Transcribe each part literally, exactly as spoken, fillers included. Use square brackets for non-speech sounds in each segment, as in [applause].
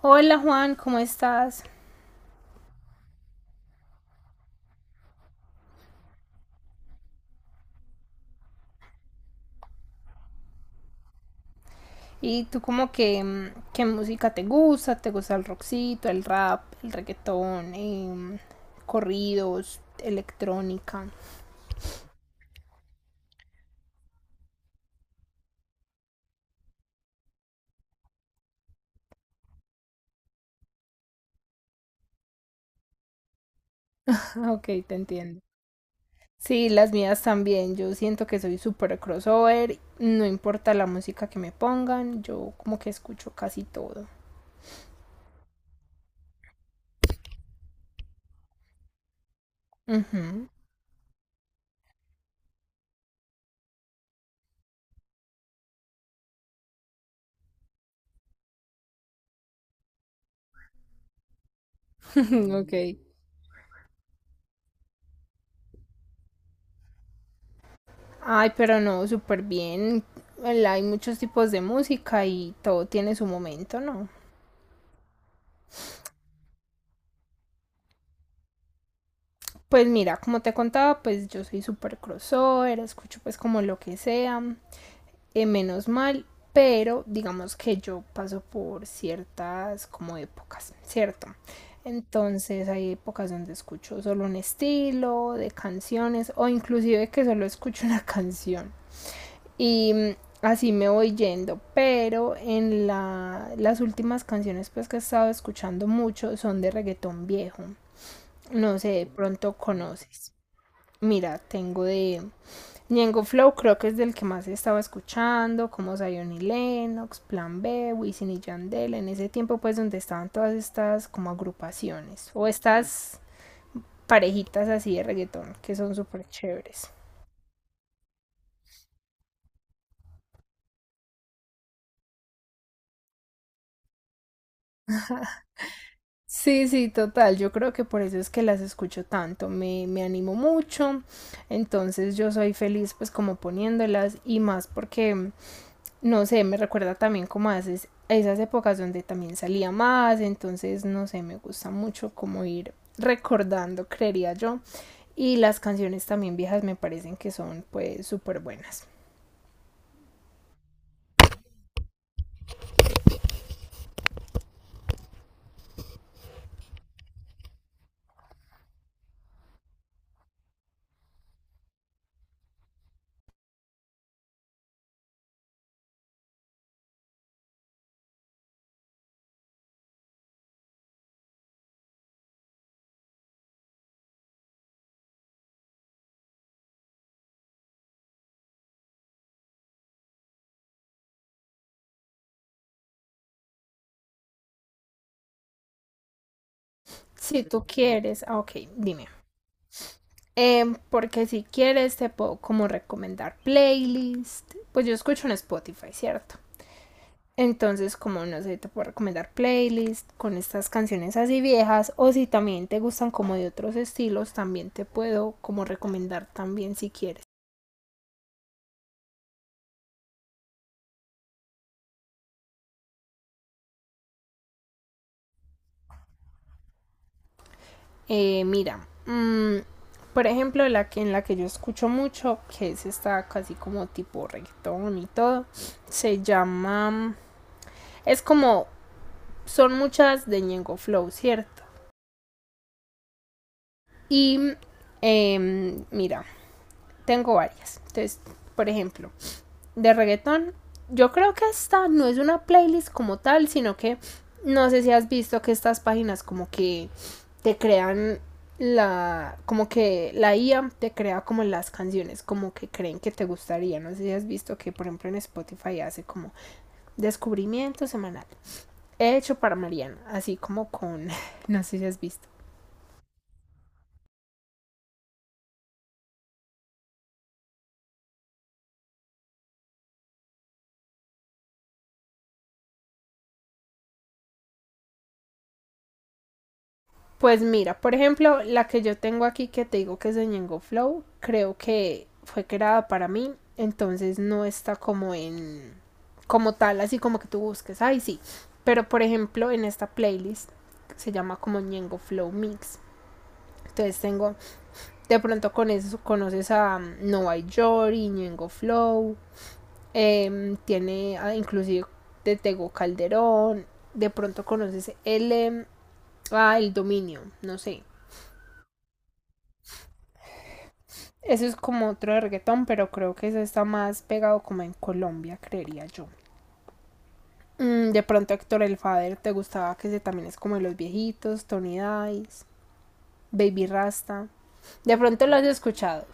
Hola Juan, ¿cómo estás? ¿Y tú como que mm, qué música te gusta? ¿Te gusta el rockcito, el rap, el reggaetón, em, corridos, electrónica? [laughs] Ah, ok, te entiendo. Sí, las mías también. Yo siento que soy súper crossover. No importa la música que me pongan, yo como que escucho casi todo. Ujú. [laughs] Ok. Ay, pero no, súper bien. el- Hay muchos tipos de música y todo tiene su momento, ¿no? Pues mira, como te contaba, pues yo soy súper crossover, escucho pues como lo que sea, eh, menos mal, pero digamos que yo paso por ciertas como épocas, ¿cierto? Entonces hay épocas donde escucho solo un estilo de canciones o inclusive que solo escucho [laughs] una canción y mm, así me voy yendo, pero en la- las últimas canciones pues que he estado escuchando mucho son de reggaetón viejo, no sé, de pronto conoces. Mira, tengo de Ñengo Flow, creo que es del que más estaba escuchando, como Zion y Lennox, Plan B, Wisin y Yandel, en ese tiempo pues donde estaban todas estas como agrupaciones o estas parejitas así de reggaetón que son súper chéveres. Sí, sí, total. Yo creo que por eso es que las escucho tanto. Me, me animo mucho. Entonces yo soy feliz pues como poniéndolas y más porque no sé, me recuerda también como a esas, a esas épocas donde también salía más, entonces no sé, me gusta mucho como ir recordando, creería yo. Y las canciones también viejas me parecen que son pues súper buenas. Si tú quieres, ah, ok, dime. Eh, porque si quieres te puedo como recomendar playlist. Pues yo escucho en Spotify, ¿cierto? Entonces, como no sé, te puedo recomendar playlists con estas canciones así viejas o si también te gustan como de otros estilos, también te puedo como recomendar también si quieres. Eh, mira, mm, por ejemplo, la que en la que yo escucho mucho, que es esta casi como tipo reggaetón y todo, se llama, es como, son muchas de Ñengo Flow, ¿cierto? Y eh, mira, tengo varias. Entonces, por ejemplo, de reggaetón. Yo creo que esta no es una playlist como tal, sino que no sé si has visto que estas páginas como que te crean la como que la I A te crea como las canciones como que creen que te gustaría, no sé si has visto que por ejemplo en Spotify hace como descubrimiento semanal hecho para Mariana así como con [laughs] no sé si has visto. Pues mira, por ejemplo, la que yo tengo aquí que te digo que es de Ñengo Flow, creo que fue creada para mí, entonces no está como en como tal, así como que tú busques, ay sí. Pero por ejemplo, en esta playlist se llama como Ñengo Flow Mix. Entonces tengo, de pronto con eso conoces a Nova Yori, Ñengo Flow, eh, tiene a, inclusive de Tego Calderón, de pronto conoces el, em, ah, el dominio, no sé. Eso es como otro de reggaetón, pero creo que eso está más pegado como en Colombia, creería yo. Mm, de pronto Héctor El Fader te gustaba, que ese también es como de los viejitos, Tony Dice, Baby Rasta. De pronto lo has escuchado.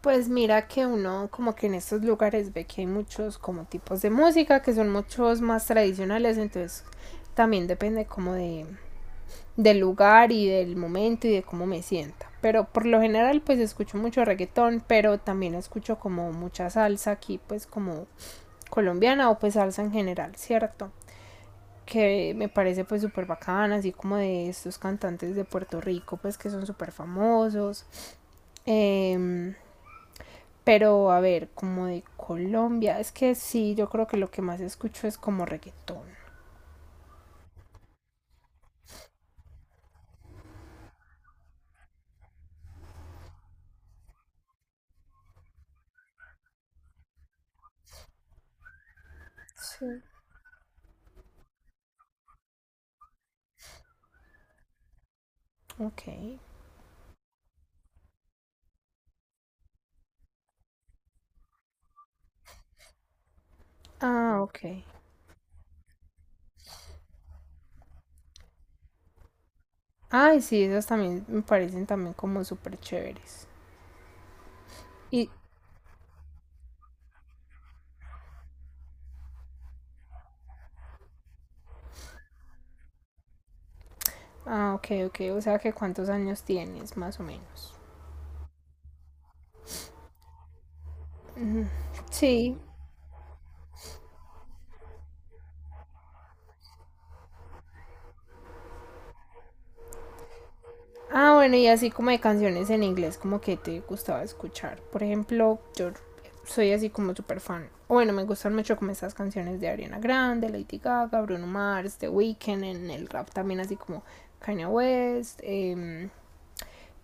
Pues mira que uno como que en estos lugares ve que hay muchos como tipos de música que son muchos más tradicionales, entonces también depende como de del lugar y del momento y de cómo me sienta. Pero por lo general pues escucho mucho reggaetón, pero también escucho como mucha salsa aquí pues como colombiana o pues salsa en general, ¿cierto? Que me parece pues súper bacana, así como de estos cantantes de Puerto Rico pues que son súper famosos. Eh, pero a ver, como de Colombia, es que sí, yo creo que lo que más escucho es como reggaetón. Sí. Ok. Ah, ok. Ay, sí, esas también me parecen también como súper chéveres. Y, ah, ok, ok, o sea que cuántos años tienes, más o menos. Sí. Ah, bueno, y así como de canciones en inglés, como que te gustaba escuchar. Por ejemplo, yo soy así como súper fan. Bueno, me gustan mucho como estas canciones de Ariana Grande, Lady Gaga, Bruno Mars, The Weeknd, en el rap también así como Kanye West, em,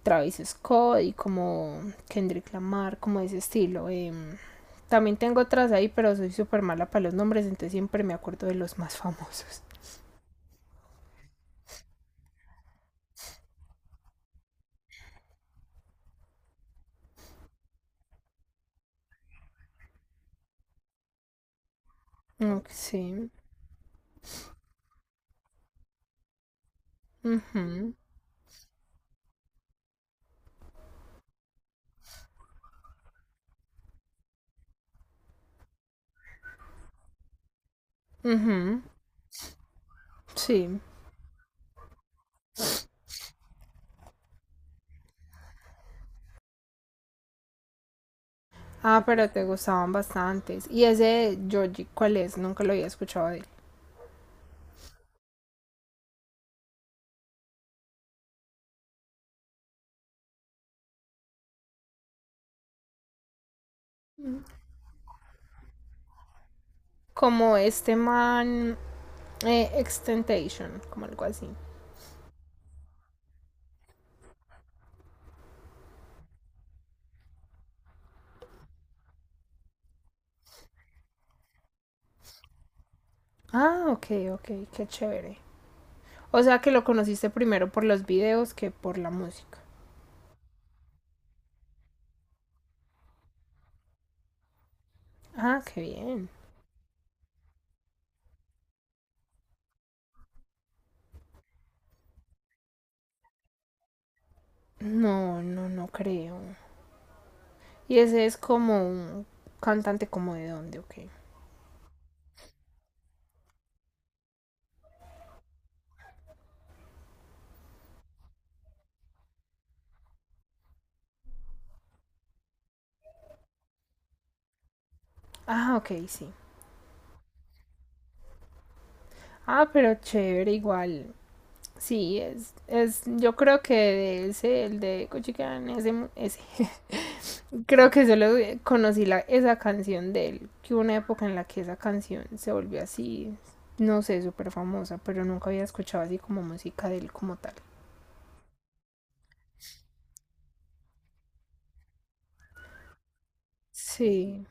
Travis Scott y como Kendrick Lamar, como de ese estilo. Eh, también tengo otras ahí, pero soy súper mala para los nombres, entonces siempre me acuerdo de los más famosos. Ok, sí. Ujú, ujú, sí. Ah, pero te gustaban bastantes. Y ese de Georgie, ¿cuál es? Nunca lo había escuchado de él. Como este man eh, Extentation, como algo así. Ah, ok, ok, qué chévere. O sea que lo conociste primero por los videos que por la música. Ah, qué bien. No, no, no creo. Y ese es como un cantante como de dónde, ok. Ah, ok, sí. Ah, pero chévere, igual. Sí, es, es, yo creo que de ese, el de Cochican, ese, ese. [laughs] creo que solo conocí la, esa canción de él, que hubo una época en la que esa canción se volvió así, no sé, súper famosa, pero nunca había escuchado así como música de él como tal. Sí,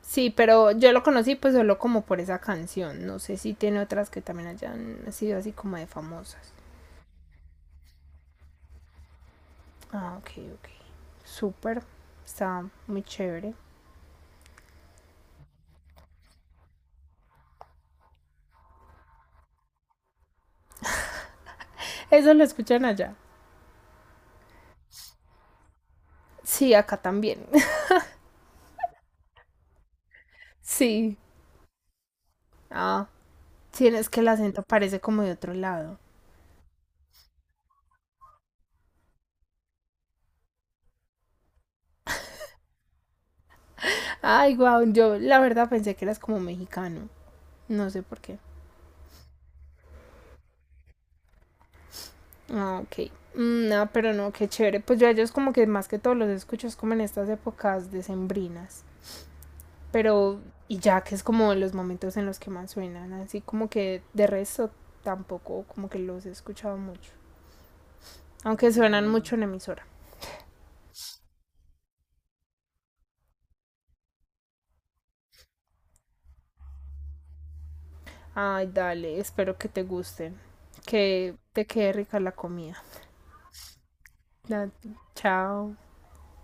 sí, pero yo lo conocí pues solo como por esa canción. No sé si tiene otras que también hayan sido así como de famosas. Ah, ok, ok. Súper. Está muy chévere. Eso lo escuchan allá. Sí, acá también. [laughs] Sí. Ah, sí, es que el acento parece como de otro lado. Ay, guau, yo la verdad pensé que eras como mexicano. No sé por qué. Ah, ok. Mm, no, pero no, qué chévere. Pues yo a ellos como que más que todo los escucho es como en estas épocas decembrinas. Pero, y ya que es como los momentos en los que más suenan, así como que de resto tampoco como que los he escuchado mucho. Aunque suenan mucho en emisora. Ay, dale, espero que te gusten. Que te quede rica la comida. Chao.